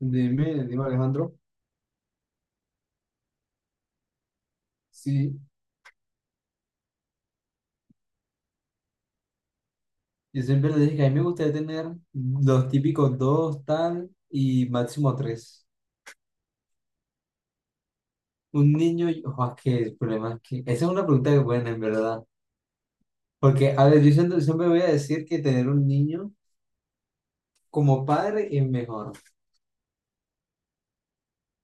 Dime, Alejandro. Sí, yo siempre le dije que a mí me gustaría tener los típicos dos, tal, y máximo tres. Un niño, ojo, es que el problema es que. Esa es una pregunta que buena, en verdad. Porque, a ver, yo siempre voy a decir que tener un niño como padre es mejor.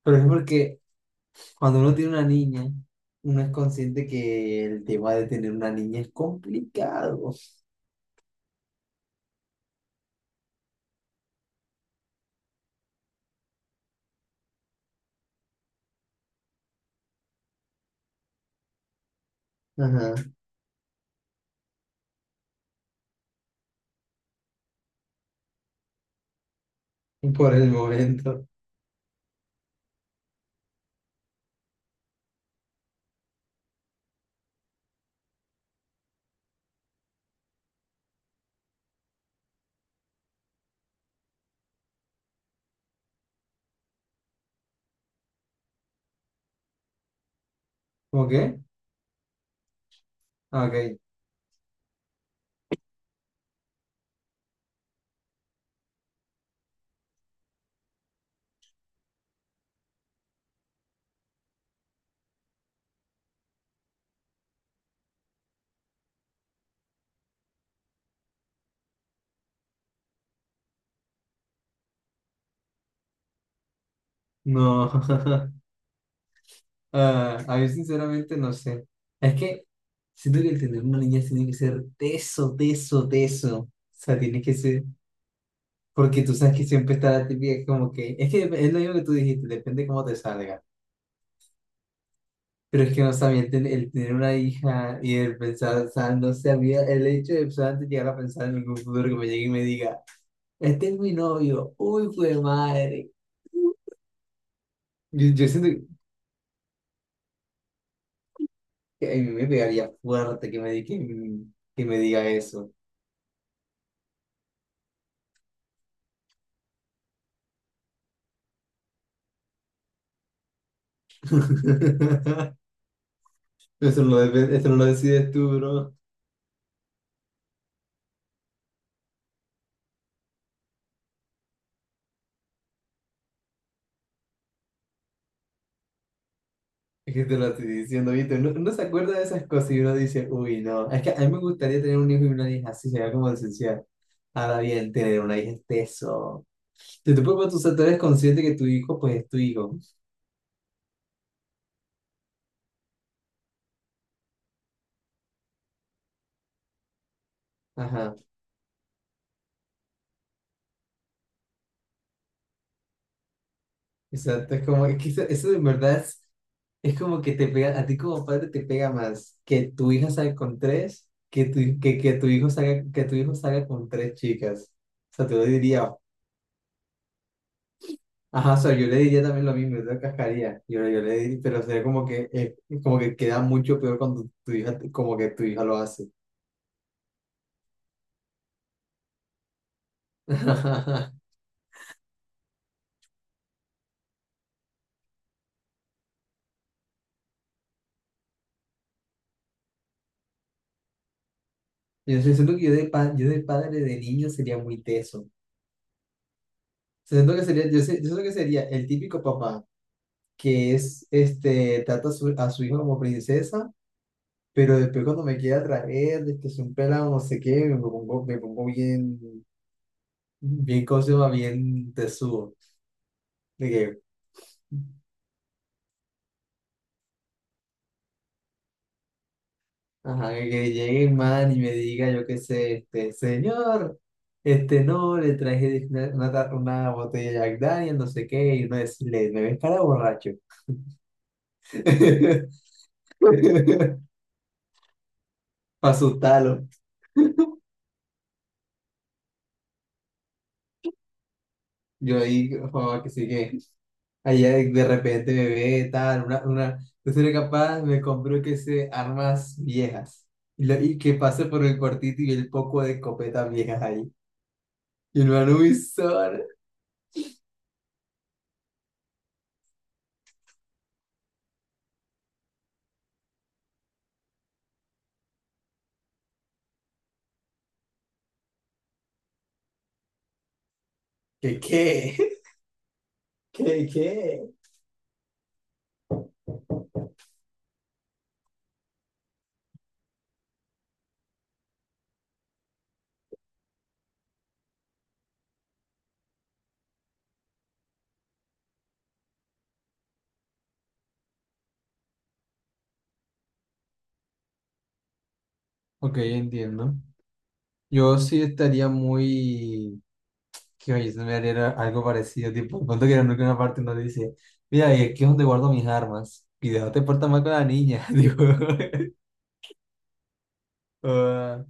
Pero es porque cuando uno tiene una niña, uno es consciente que el tema de tener una niña es complicado. Ajá, por el momento. ¿Cómo qué? Ah, ok, no. Ah, a mí sinceramente no sé. Es que siento que el tener una niña tiene que ser teso, teso, teso. O sea, tiene que ser, porque tú sabes que siempre está la típica como que es lo mismo que tú dijiste, depende cómo te salga. Pero es que no también el tener una hija y el pensar, o sea, no sé, a mí el hecho de pues, antes llegar a pensar en algún futuro que me llegue y me diga, este es mi novio, uy, fue madre. Yo siento que a mí me pegaría fuerte que me diga eso. Eso no, eso no lo decides tú, bro. Es que te lo estoy diciendo, ¿viste? Uno se acuerda de esas cosas y uno dice, uy, no. Es que a mí me gustaría tener un hijo y una hija así, sería como esencial. Ahora bien, tener una hija es eso. Te puedes tú, o sea, tú eres consciente que tu hijo, pues es tu hijo. Ajá. Exacto, es como, es que eso de verdad es como que te pega, a ti como padre te pega más que tu hija salga con tres, que tu hijo salga, que tu hijo salga con tres chicas. O sea, te lo diría. Ajá, o sea, yo le diría también lo mismo, yo te cascaría. Yo le diría, pero sería como que queda mucho peor cuando tu hija, como que tu hija lo hace. Yo sí siento que yo yo de padre de niño sería muy teso. Siento que sería, yo siento que sería el típico papá que es, este, trata a su hijo como princesa, pero después cuando me quiere atraer, de que es un pelado, no sé qué, me pongo bien, bien, ¿cómo se llama? Bien tesudo. De que, ajá, que llegue el man y me diga, yo qué sé, este, señor, este, no, le traje una botella de Jack Daniel, no sé qué, y uno decirle, me ves cara de borracho. Para asustarlo. Yo ahí, joder, allá de repente me ve, tal, yo seré capaz, me compró, que sé, armas viejas. Y, y que pase por el cuartito y el poco de escopetas viejas ahí. Y el man, uy, son, ¿qué, qué? ¿Qué, qué? Ok, entiendo. Yo sí estaría Que oye, se me haría algo parecido, tipo, cuando que nunca una parte nos dice, mira, y aquí es donde guardo mis armas. Cuidado, te portas mal con la niña. Digo, ah,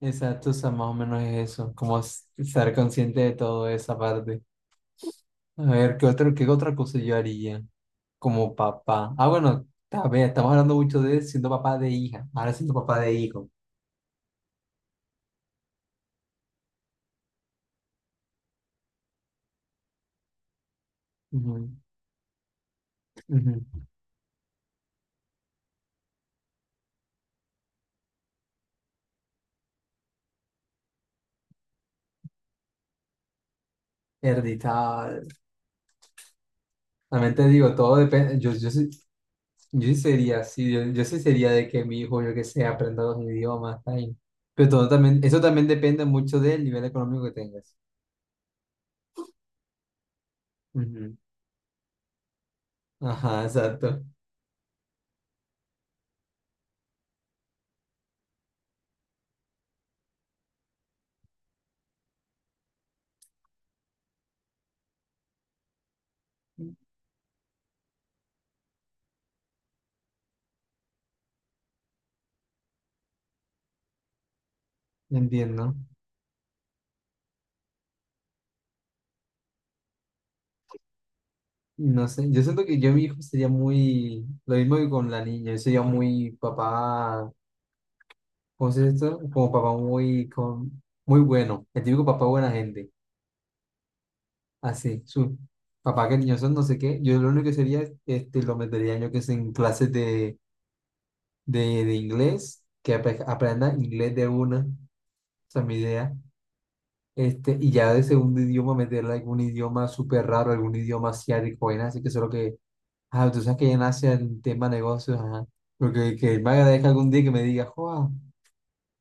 exacto, o sea, más o menos es eso, como estar consciente de toda esa parte. A ver, ¿qué otra cosa yo haría como papá? Ah, bueno, a ver, estamos hablando mucho de siendo papá de hija, ahora siendo papá de hijo. Ujú, ujú. Hereditario. También te digo, todo depende. Yo sí sería de que mi hijo, yo que sé, aprenda los idiomas, tal. Pero todo también, eso también depende mucho del nivel económico que tengas. Ujú. Ajá, exacto. Entiendo. No sé, yo siento que yo y mi hijo sería muy, lo mismo que con la niña, yo sería muy papá, ¿cómo se dice esto? Como papá muy, con, muy bueno, el típico papá buena gente, así, su papá que niños son no sé qué, yo lo único que sería, este, lo metería yo que sé en clases de de inglés, que aprenda inglés de una, esa es mi idea. Este, y ya de segundo idioma meterle algún idioma súper raro, algún idioma asiático, vaina, así que solo que, ah, tú sabes que ya en Asia el tema negocios, ajá, porque que él me agradezca algún día que me diga, joa,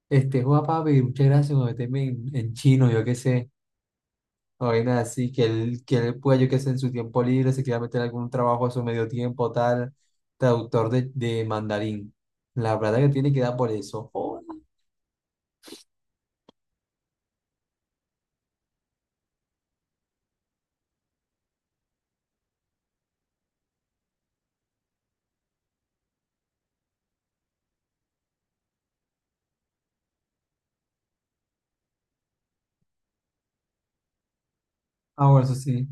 este, joa papi, muchas gracias por meterme en chino, yo qué sé, o vaina así, que él pueda, yo qué sé, en su tiempo libre, se quiera meter algún trabajo a su medio tiempo, tal, traductor de mandarín. La verdad que tiene que dar por eso. Ah, bueno, eso sí.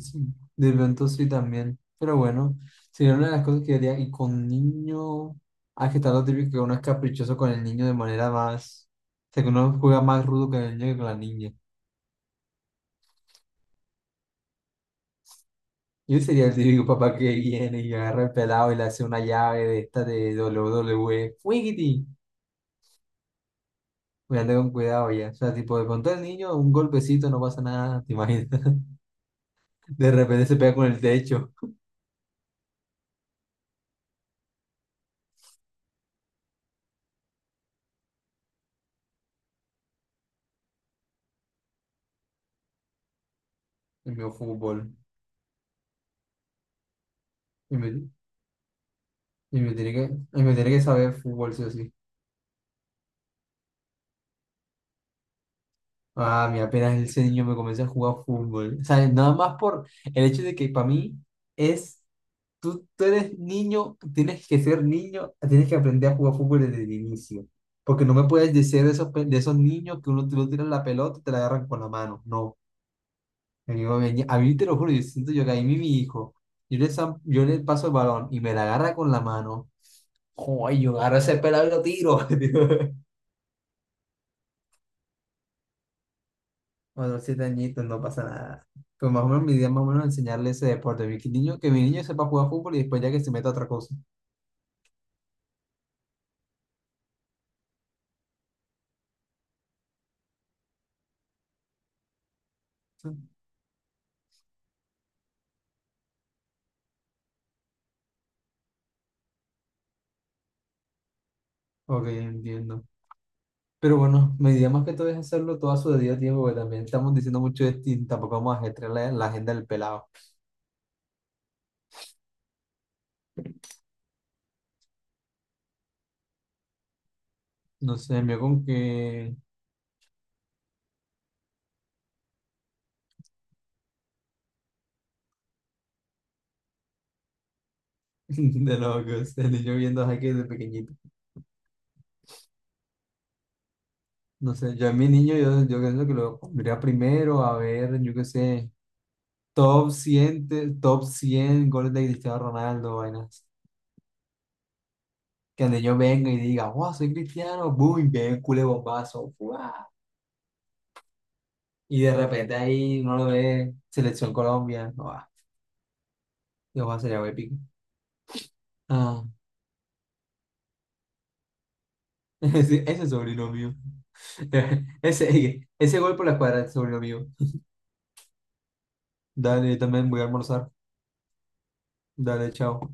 Sí, de pronto sí también. Pero bueno, sería una de las cosas que yo haría. Y con niño. Ah, que está lo típico que uno es caprichoso con el niño de manera más. O sea, que uno juega más rudo con el niño que con la niña. Yo sería el típico papá que viene y agarra el pelado y le hace una llave de esta de WWE. ¡Fuigiti! Voy anda con cuidado ya. O sea, tipo, de pronto el niño, un golpecito, no pasa nada, ¿te imaginas? De repente se pega con el techo. El mío fútbol. Y me tiene que, y me tiene que saber fútbol, sí o sí. Ah, mí apenas ese niño me comienza a jugar fútbol. O sea, nada más por el hecho de que para mí es, tú eres niño, tienes que ser niño, tienes que aprender a jugar fútbol desde el inicio. Porque no me puedes decir de esos, de esos niños que uno tú tiras la pelota y te la agarran con la mano. No. A mí, a mí te lo juro, yo siento yo que ahí mi hijo, yo le paso el balón y me la agarra con la mano. Joder, yo agarro ese pelado y lo tiro. O los 7 añitos, no pasa nada. Pues más o menos mi idea es más o menos enseñarle ese deporte. Mi niño, que mi niño sepa jugar fútbol y después ya que se meta a otra cosa. Ok, entiendo. Pero bueno, mi idea más que todo es hacerlo todo a su debido tiempo, porque también estamos diciendo mucho de y tampoco vamos a gestionar la agenda del pelado. No sé, yo con que de locos, el niño viendo a Jaque desde pequeñito. No sé, yo a mi niño, yo pienso que lo pondría primero a ver, yo qué sé, top 100 goles de Cristiano Ronaldo, vainas. Que donde yo venga y diga, wow, soy cristiano, boom, bien, culé bombazo, ¡fua! Y de repente ahí no lo ve Selección Colombia, no va, yo va a ser algo épico. Ah, ese es sobrino mío, ese gol por la escuadra es sobrino mío. Dale, yo también voy a almorzar, dale, chao.